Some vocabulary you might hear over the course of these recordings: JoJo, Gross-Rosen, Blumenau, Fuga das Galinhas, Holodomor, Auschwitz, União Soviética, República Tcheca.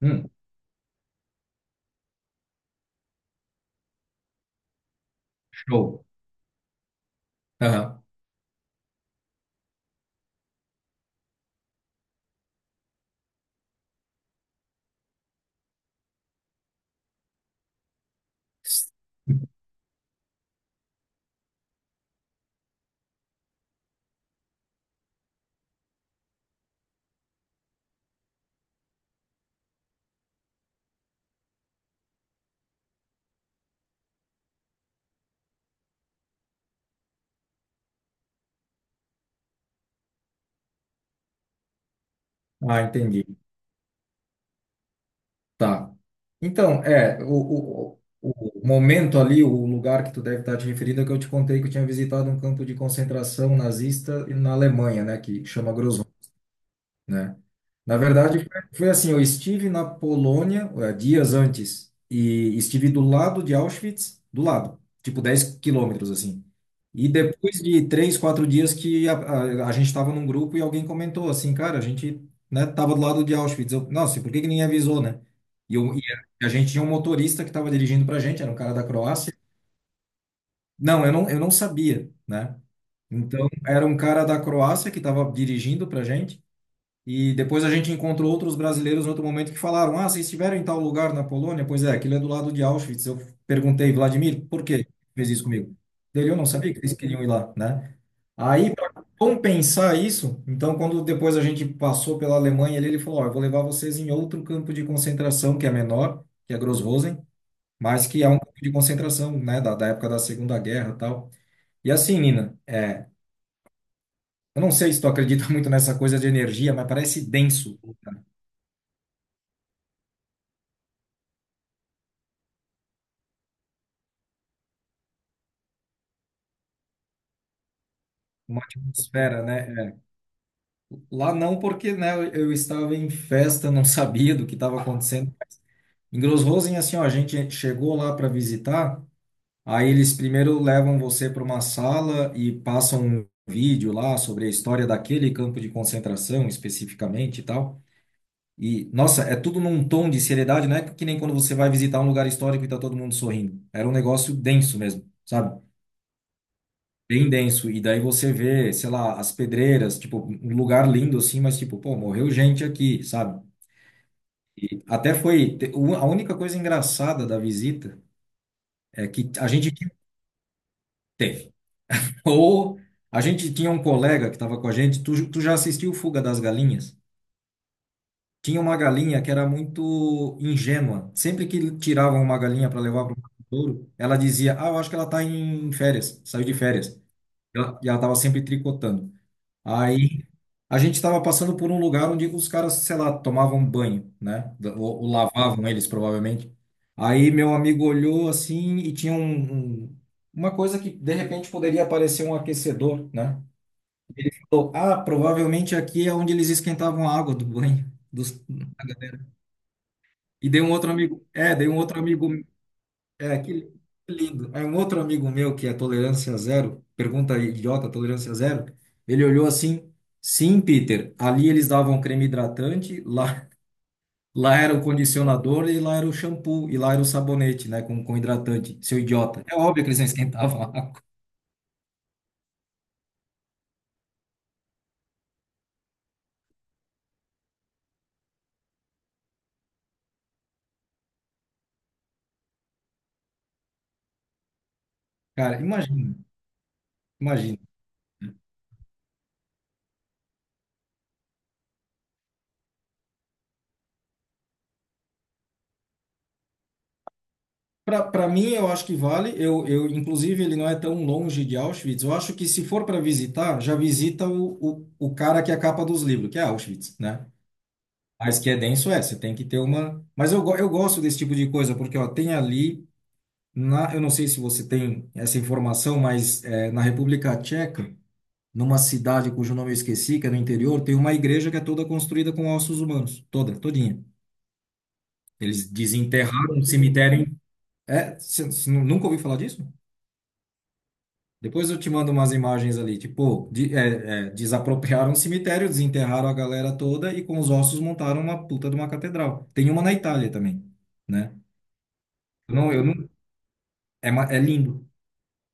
Hum, show. Aham. Ah, entendi. Tá. Então, o momento ali, o lugar que tu deve estar te referindo é que eu te contei que eu tinha visitado um campo de concentração nazista na Alemanha, né, que chama né? Na verdade, foi assim, eu estive na Polônia, dias antes e estive do lado de Auschwitz, do lado, tipo 10 quilômetros assim. E depois de três, quatro dias que a gente estava num grupo e alguém comentou assim, cara, a gente, né, tava do lado de Auschwitz. Eu, nossa, e por que que ninguém avisou, né? E, eu, e A gente tinha um motorista que estava dirigindo pra gente, era um cara da Croácia. Não, eu não, eu não sabia, né? Então, era um cara da Croácia que estava dirigindo pra gente. E depois a gente encontrou outros brasileiros em outro momento que falaram: Ah, vocês estiveram em tal lugar na Polônia? Pois é, aquilo é do lado de Auschwitz. Eu perguntei, Vladimir, por que fez isso comigo? Ele, eu não sabia que eles queriam ir lá, né? Aí, para compensar isso, então, quando depois a gente passou pela Alemanha, ele falou: Ó, eu vou levar vocês em outro campo de concentração que é menor, que é Gross-Rosen, mas que é um campo de concentração, né, da época da Segunda Guerra e tal. E assim, Nina, é, eu não sei se tu acredita muito nessa coisa de energia, mas parece denso né? Uma atmosfera, né? É. Lá não, porque né, eu estava em festa, não sabia do que estava acontecendo. Em Grossrosen, assim, ó, a gente chegou lá para visitar, aí eles primeiro levam você para uma sala e passam um vídeo lá sobre a história daquele campo de concentração especificamente e tal. E, nossa, é tudo num tom de seriedade, não é que nem quando você vai visitar um lugar histórico e tá todo mundo sorrindo. Era um negócio denso mesmo, sabe? Bem denso. E daí você vê, sei lá, as pedreiras, tipo, um lugar lindo assim, mas tipo, pô, morreu gente aqui, sabe? Até foi. A única coisa engraçada da visita é que teve. Ou a gente tinha um colega que estava com a gente, tu já assistiu Fuga das Galinhas? Tinha uma galinha que era muito ingênua. Sempre que tiravam uma galinha para levar para o touro, ela dizia: Ah, eu acho que ela está em férias, saiu de férias. E ela estava sempre tricotando. Aí a gente estava passando por um lugar onde os caras, sei lá, tomavam banho, né? Ou lavavam eles, provavelmente. Aí meu amigo olhou assim e tinha uma coisa que de repente poderia parecer um aquecedor, né? Falou, Ah, provavelmente aqui é onde eles esquentavam a água do banho. Dos... da galera. E dei um outro amigo, é, que lindo. Aí um outro amigo meu que é tolerância zero, pergunta idiota, tolerância zero, ele olhou assim, sim, Peter, ali eles davam creme hidratante, lá, lá era o condicionador e lá era o shampoo, e lá era o sabonete, né, com hidratante, seu idiota. É óbvio que eles não esquentavam a água. Cara, imagina, imagina. Pra mim, eu acho que vale. Inclusive, ele não é tão longe de Auschwitz. Eu acho que se for para visitar, já visita o cara que é a capa dos livros, que é Auschwitz, né? Mas que é denso, é, você tem que ter uma. Mas eu, eu gosto desse tipo de coisa, porque ó, tem ali, eu não sei se você tem essa informação, mas é, na República Tcheca, numa cidade cujo nome eu esqueci, que é no interior, tem uma igreja que é toda construída com ossos humanos, toda, todinha. Eles desenterraram um cemitério. É, você nunca ouviu falar disso? Depois eu te mando umas imagens ali, tipo, desapropriaram um cemitério, desenterraram a galera toda e com os ossos montaram uma puta de uma catedral. Tem uma na Itália também. Né? Eu não, é, ma- é lindo.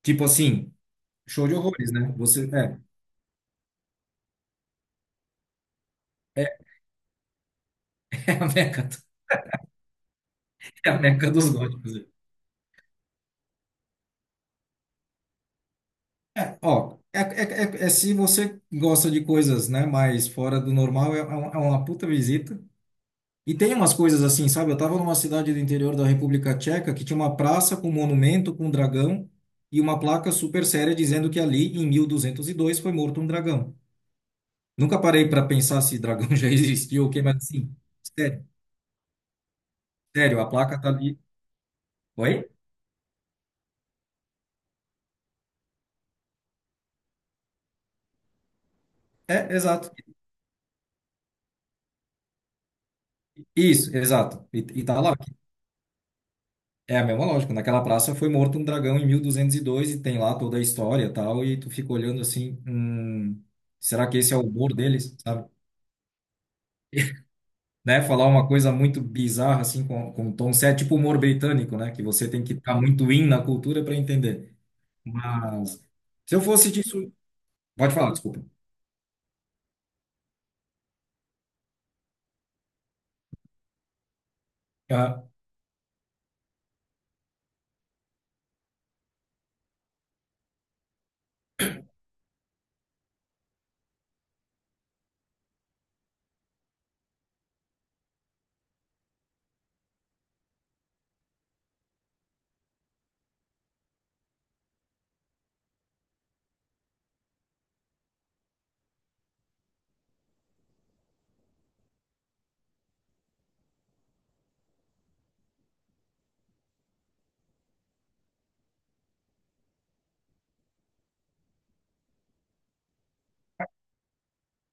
Tipo assim, show de horrores, né? Você, é, é, é a Meca, é a Meca dos góticos. É, ó, é, é, é, é se você gosta de coisas, né, mais fora do normal, é, é uma puta visita. E tem umas coisas assim, sabe? Eu tava numa cidade do interior da República Tcheca que tinha uma praça com um monumento com um dragão e uma placa super séria dizendo que ali, em 1202, foi morto um dragão. Nunca parei para pensar se dragão já existiu ou o quê, mas assim, sério, sério, a placa tá ali. Oi? É, exato. Isso, exato. E tá lá. É a mesma lógica. Naquela praça foi morto um dragão em 1202 e dois e tem lá toda a história e tal. E tu fica olhando assim, será que esse é o humor deles, sabe? Né? Falar uma coisa muito bizarra assim com um tom sério, é tipo humor britânico, né? Que você tem que estar muito in na cultura para entender. Mas se eu fosse disso, pode falar, desculpa. Ah,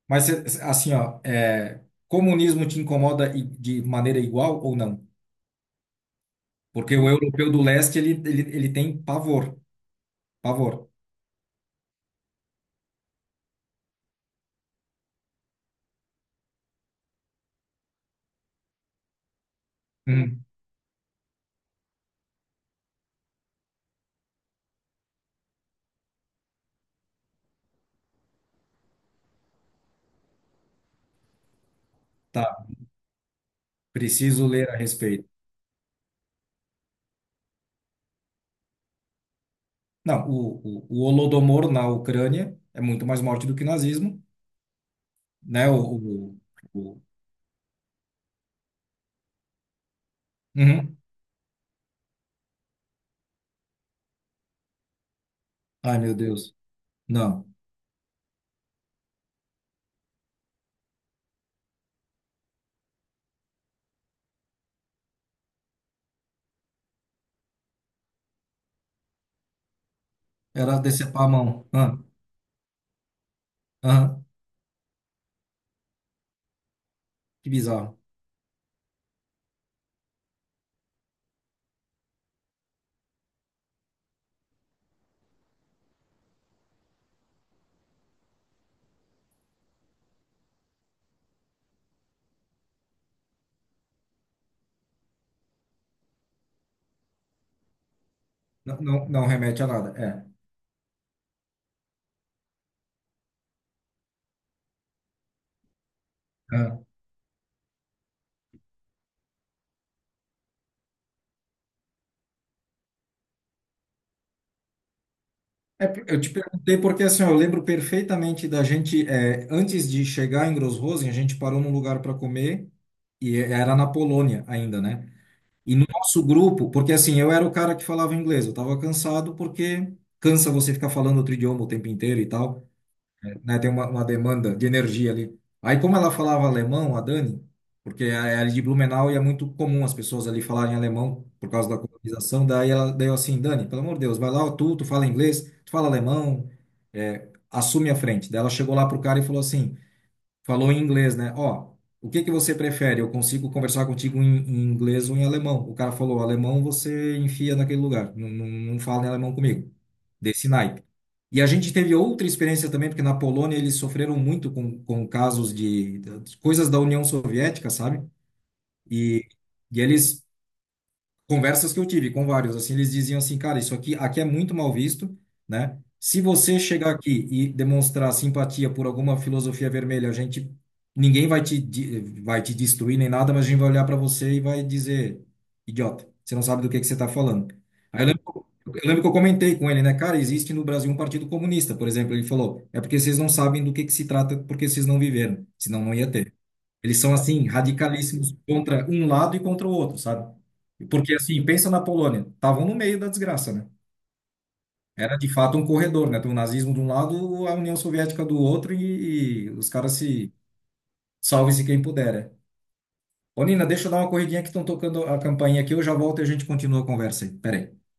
assim, ó, é, comunismo te incomoda de maneira igual ou não? Porque o europeu do leste, ele tem pavor, pavor. Hum, tá, preciso ler a respeito. Não, o Holodomor na Ucrânia é muito mais morte do que nazismo, né? O- Uhum. Ai, meu Deus. Não, era decepar a mão. Ah, ah, que bizarro. Não, não, não remete a nada, é. Ah. É, eu te perguntei porque, assim, ó, eu lembro perfeitamente da gente, é, antes de chegar em Grossrosen, a gente parou num lugar para comer, e era na Polônia ainda, né? E no nosso grupo, porque assim, eu era o cara que falava inglês, eu tava cansado porque cansa você ficar falando outro idioma o tempo inteiro e tal, né? Tem uma demanda de energia ali. Aí, como ela falava alemão, a Dani, porque era de Blumenau e é muito comum as pessoas ali falarem alemão por causa da colonização, daí ela deu assim, Dani, pelo amor de Deus, vai lá, tu fala inglês, tu fala alemão, é, assume a frente. Daí ela chegou lá pro cara e falou assim, Falou em inglês, né? Ó, o que que você prefere? Eu consigo conversar contigo em inglês ou em alemão? O cara falou, alemão você enfia naquele lugar. Não, não, não fala em alemão comigo. Desse naipe. E a gente teve outra experiência também, porque na Polônia eles sofreram muito com casos de coisas da União Soviética, sabe? E, e eles conversas que eu tive com vários, assim, eles diziam assim, cara, isso aqui, aqui é muito mal visto, né? Se você chegar aqui e demonstrar simpatia por alguma filosofia vermelha, a gente, ninguém vai te, vai te destruir nem nada, mas a gente vai olhar para você e vai dizer, idiota, você não sabe do que você está falando. Aí eu lembro que eu comentei com ele, né? Cara, existe no Brasil um partido comunista, por exemplo. Ele falou, é porque vocês não sabem do que se trata, porque vocês não viveram, senão não ia ter. Eles são, assim, radicalíssimos contra um lado e contra o outro, sabe? Porque assim, pensa na Polônia, estavam no meio da desgraça, né? Era de fato um corredor, né? Tem o nazismo de um lado, a União Soviética do outro e os caras se salve-se quem puder. Né? Ô, Nina, deixa eu dar uma corridinha que estão tocando a campainha aqui, eu já volto e a gente continua a conversa aí. Pera aí.